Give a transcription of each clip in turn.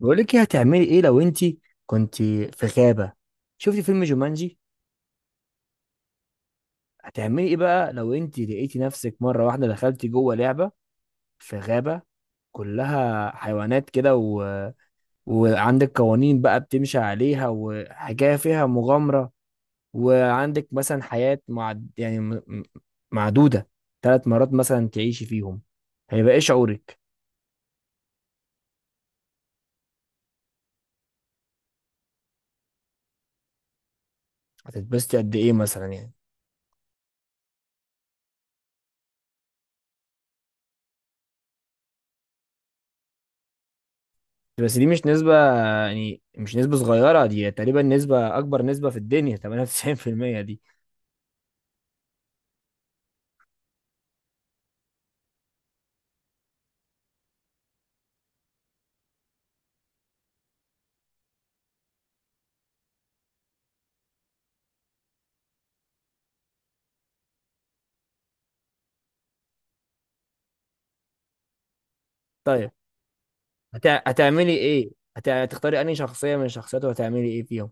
بقول لك ايه، هتعملي ايه لو انت كنت في غابة؟ شفتي فيلم جومانجي؟ هتعملي ايه بقى لو انت لقيتي نفسك مرة واحدة دخلتي جوه لعبة في غابة كلها حيوانات كده وعندك قوانين بقى بتمشي عليها، وحاجة فيها مغامرة، وعندك مثلا حياة يعني معدودة، 3 مرات مثلا تعيشي فيهم. هيبقى ايه شعورك؟ هتتبسطي قد ايه مثلا يعني؟ بس دي مش نسبة، يعني مش نسبة صغيرة دي، تقريبا نسبة أكبر نسبة في الدنيا 98% دي. طيب هتعملي إيه؟ هتختاري أنهي شخصية من الشخصيات وهتعملي إيه فيهم؟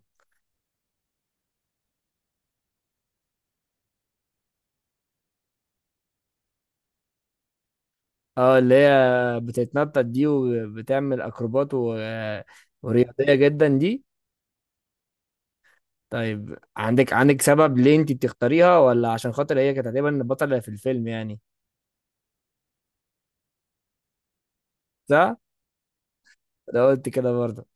اه، اللي هي بتتنطط دي وبتعمل أكروبات ورياضية جدا دي. طيب عندك سبب ليه أنت بتختاريها، ولا عشان خاطر هي كانت تقريبا البطلة في الفيلم يعني؟ صح؟ ده قلت كده برضه.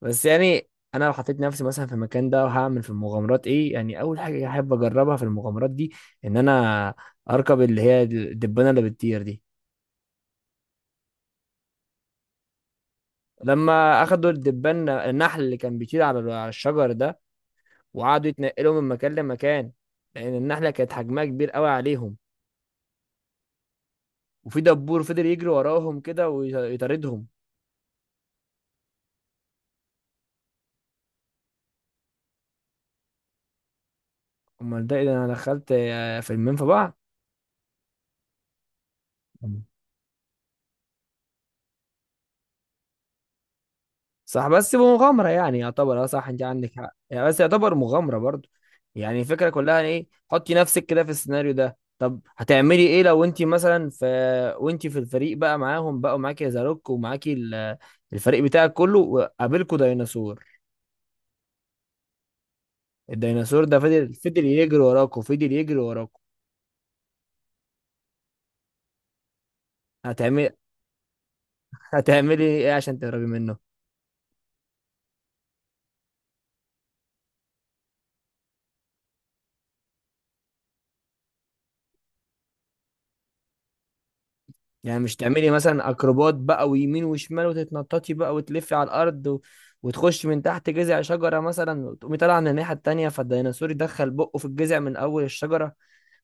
بس يعني انا لو حطيت نفسي مثلا في المكان ده، وهعمل في المغامرات ايه يعني، اول حاجه احب اجربها في المغامرات دي ان انا اركب اللي هي الدبانه اللي بتطير دي، لما اخدوا الدبان النحل اللي كان بيطير على الشجر ده، وقعدوا يتنقلوا من مكان لمكان، لان النحله كانت حجمها كبير قوي عليهم، وفي دبور فضل يجري وراهم كده ويطاردهم. امال ده إيه ده، انا دخلت فيلمين في بعض. صح، بس بمغامرة يعني يعتبر صح، انت عندك حق يعني، بس يعتبر مغامرة برضو. يعني الفكرة كلها ان ايه، حطي نفسك كده في السيناريو ده، طب هتعملي ايه لو انت مثلا في، وانت في الفريق بقى معاهم بقى، ومعاكي زاروك ومعاكي الفريق بتاعك كله وقابلكوا ديناصور. الديناصور ده فضل يجري وراكوا، فضل يجري وراكوا. هتعملي هتعملي ايه عشان تهربي منه؟ يعني مش تعملي مثلا اكروبات بقى، ويمين وشمال، وتتنططي بقى، وتلفي على الارض وتخش من تحت جذع شجره مثلا، وتقومي طالعه من الناحيه التانيه، فالديناصور يدخل بقه في الجذع من اول الشجره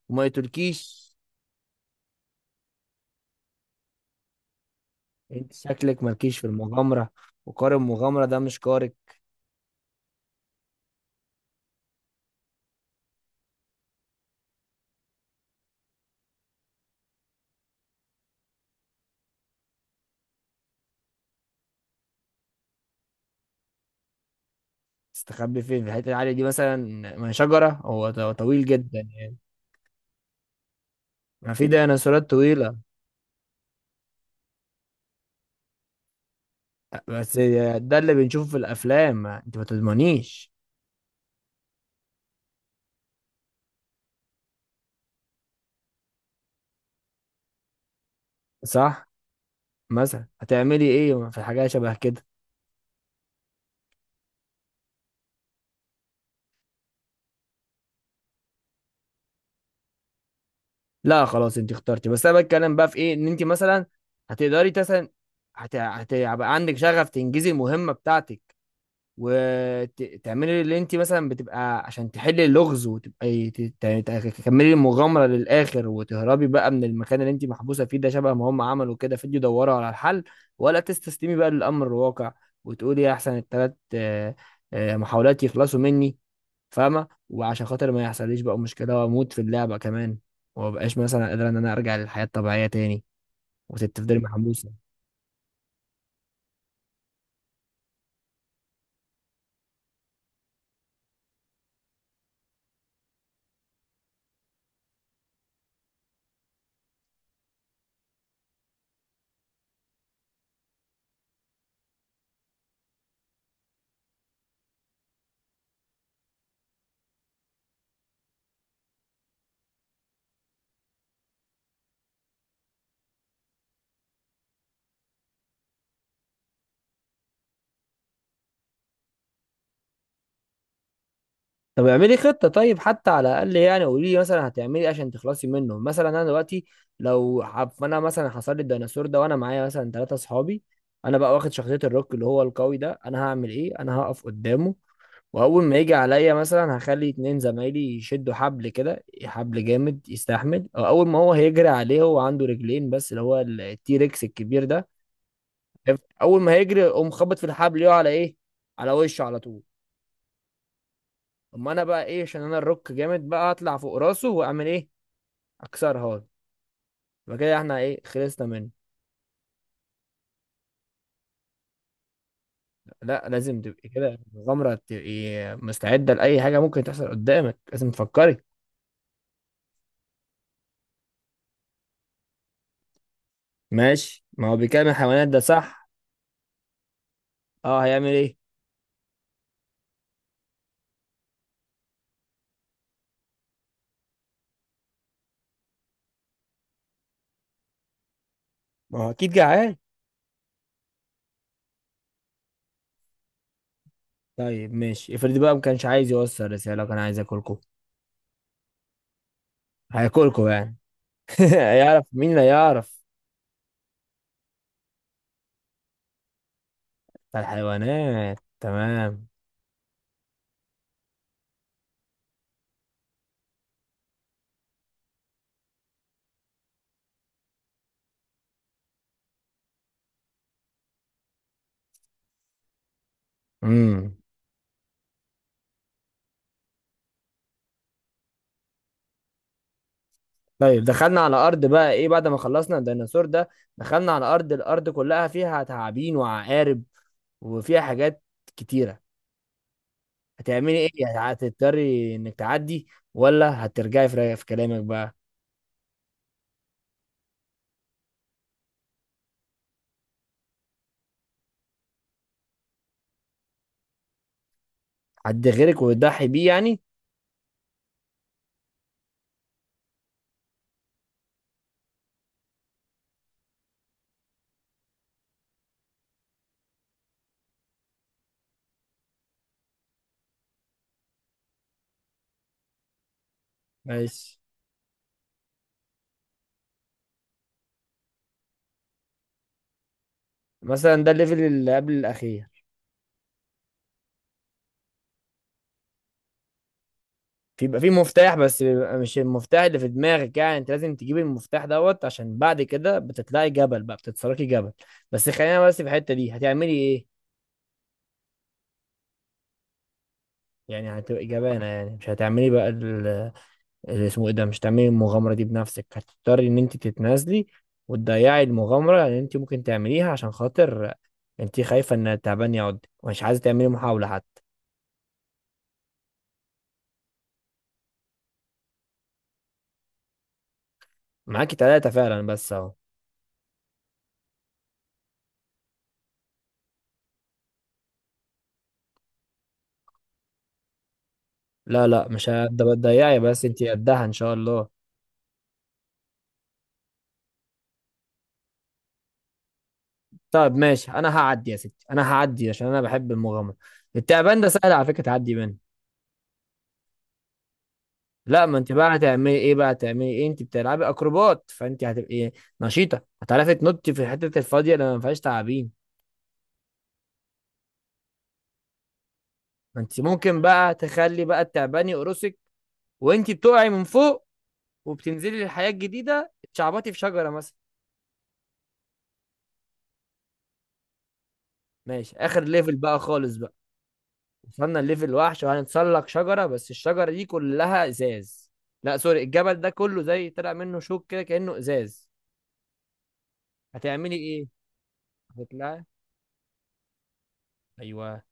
وما يقتلكيش. انت شكلك مالكيش في المغامره، وقارب المغامره ده مش قارب. تستخبي فين في الحته العاليه دي مثلا؟ ما هي شجره، هو طويل جدا يعني. ما في ديناصورات طويله. بس ده اللي بنشوفه في الافلام، انت ما تضمنيش. صح. مثلا هتعملي ايه في حاجه شبه كده؟ لا خلاص، انت اخترتي، بس انا بتكلم بقى في ايه ان انت مثلا هتقدري مثلا هتبقى عندك شغف تنجزي المهمه بتاعتك، وتعملي اللي انت مثلا بتبقى عشان تحلي اللغز، وتبقى تكملي المغامره للاخر، وتهربي بقى من المكان اللي انت محبوسه فيه، ده شبه ما هم عملوا كده فيديو يدوروا على الحل، ولا تستسلمي بقى للامر الواقع، وتقولي احسن الثلاث محاولات يخلصوا مني، فاهمه، وعشان خاطر ما يحصليش بقى مشكله واموت في اللعبه كمان، وما بقاش مثلا قادره ان انا ارجع للحياه الطبيعيه تاني، وتفضلي محبوسه. طب اعملي خطه طيب حتى على الاقل، يعني قولي لي مثلا هتعملي ايه عشان تخلصي منه. مثلا انا دلوقتي، لو حب انا مثلا حصل لي الديناصور ده، وانا معايا مثلا 3 اصحابي، انا بقى واخد شخصيه الروك اللي هو القوي ده، انا هعمل ايه؟ انا هقف قدامه، واول ما يجي عليا مثلا هخلي 2 زمايلي يشدوا حبل كده، حبل جامد يستحمل، أو اول ما هو هيجري عليه، هو عنده رجلين بس اللي هو التيركس الكبير ده، اول ما هيجري اقوم خبط في الحبل، يقع على ايه؟ على وشه على طول. اما انا بقى ايه، عشان انا الروك جامد بقى، اطلع فوق راسه واعمل ايه، اكسرها هون. يبقى كده احنا ايه، خلصنا منه. لا، لازم تبقي كده مغامرة، تبقي مستعدة لأي حاجة ممكن تحصل قدامك، لازم تفكري. ماشي، ما هو بيكلم الحيوانات ده صح. اه، هيعمل ايه؟ ما هو اكيد جعان. طيب ماشي، افرضي بقى ما كانش عايز يوصل رسالة، كان عايز ياكلكوا، هياكلكوا يعني. هيعرف مين اللي هيعرف، بتاع الحيوانات، تمام. امم. طيب دخلنا على ارض بقى ايه بعد ما خلصنا الديناصور ده، دخلنا على ارض، الارض كلها فيها تعابين وعقارب، وفيها حاجات كتيرة. هتعملي ايه؟ هتضطري انك تعدي، ولا هترجعي في رأيك، في كلامك بقى. حد غيرك وتضحي بيه يعني. ماشي. مثلا ده الليفل اللي قبل الاخير. بيبقى في مفتاح، بس بيبقى مش المفتاح اللي في دماغك، يعني انت لازم تجيب المفتاح دوت، عشان بعد كده بتطلعي جبل بقى، بتتسلقي جبل، بس خلينا بس في الحتة دي، هتعملي ايه؟ يعني هتبقي جبانة، يعني مش هتعملي بقى اللي اسمه ايه ده، مش هتعملي المغامرة دي بنفسك، هتضطري ان انت تتنازلي وتضيعي المغامرة اللي انت ممكن تعمليها، عشان خاطر انت خايفة ان التعبان يعض، ومش عايزة تعملي محاولة حتى. معاكي تلاتة فعلا بس اهو. لا لا، مش هتضيعي، بس انت قدها ان شاء الله. طب ماشي، انا هعدي يا ستي، انا هعدي عشان انا بحب المغامره. التعبان ده سهل على فكره، تعدي منه. لا، ما انت بقى هتعملي ايه بقى، هتعملي ايه، انت بتلعبي اكروبات فانت هتبقي نشيطه، هتعرفي تنطي في الحته الفاضيه اللي ما فيهاش تعابين. ما انت ممكن بقى تخلي بقى التعبان يقرصك، وانت بتقعي من فوق، وبتنزلي للحياه الجديده، تشعبطي في شجره مثلا. ماشي، اخر ليفل بقى خالص بقى، وصلنا لليفل وحش، وهنتسلق شجرة، بس الشجرة دي كلها ازاز. لا سوري، الجبل ده كله زي طلع منه شوك كده كأنه ازاز. هتعملي ايه؟ هتطلعي؟ ايوه.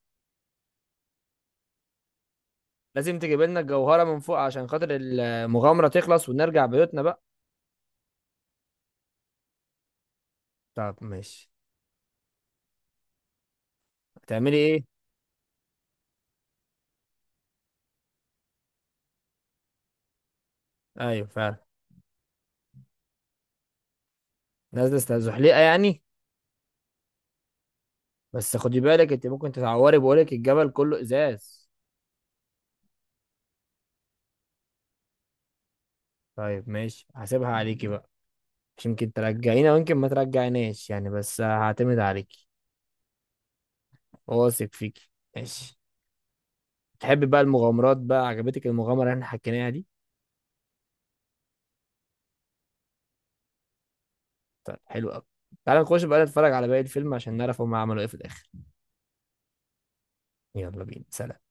لازم تجيب لنا الجوهرة من فوق عشان خاطر المغامرة تخلص ونرجع بيوتنا بقى. طب ماشي. هتعملي ايه؟ ايوه فعلا. نازلة استزحليقة يعني؟ بس خدي بالك انت ممكن تتعوري، بقولك الجبل كله ازاز. طيب ماشي، هسيبها عليكي بقى، مش يمكن ترجعينا ويمكن ما ترجعيناش يعني، بس هعتمد عليكي. واثق فيكي. ماشي. تحبي بقى المغامرات بقى، عجبتك المغامرة اللي احنا حكيناها دي؟ طيب حلو قوي. تعالى نخش بقى نتفرج على باقي الفيلم عشان نعرف هم عملوا ايه في الاخر. يلا بينا، سلام.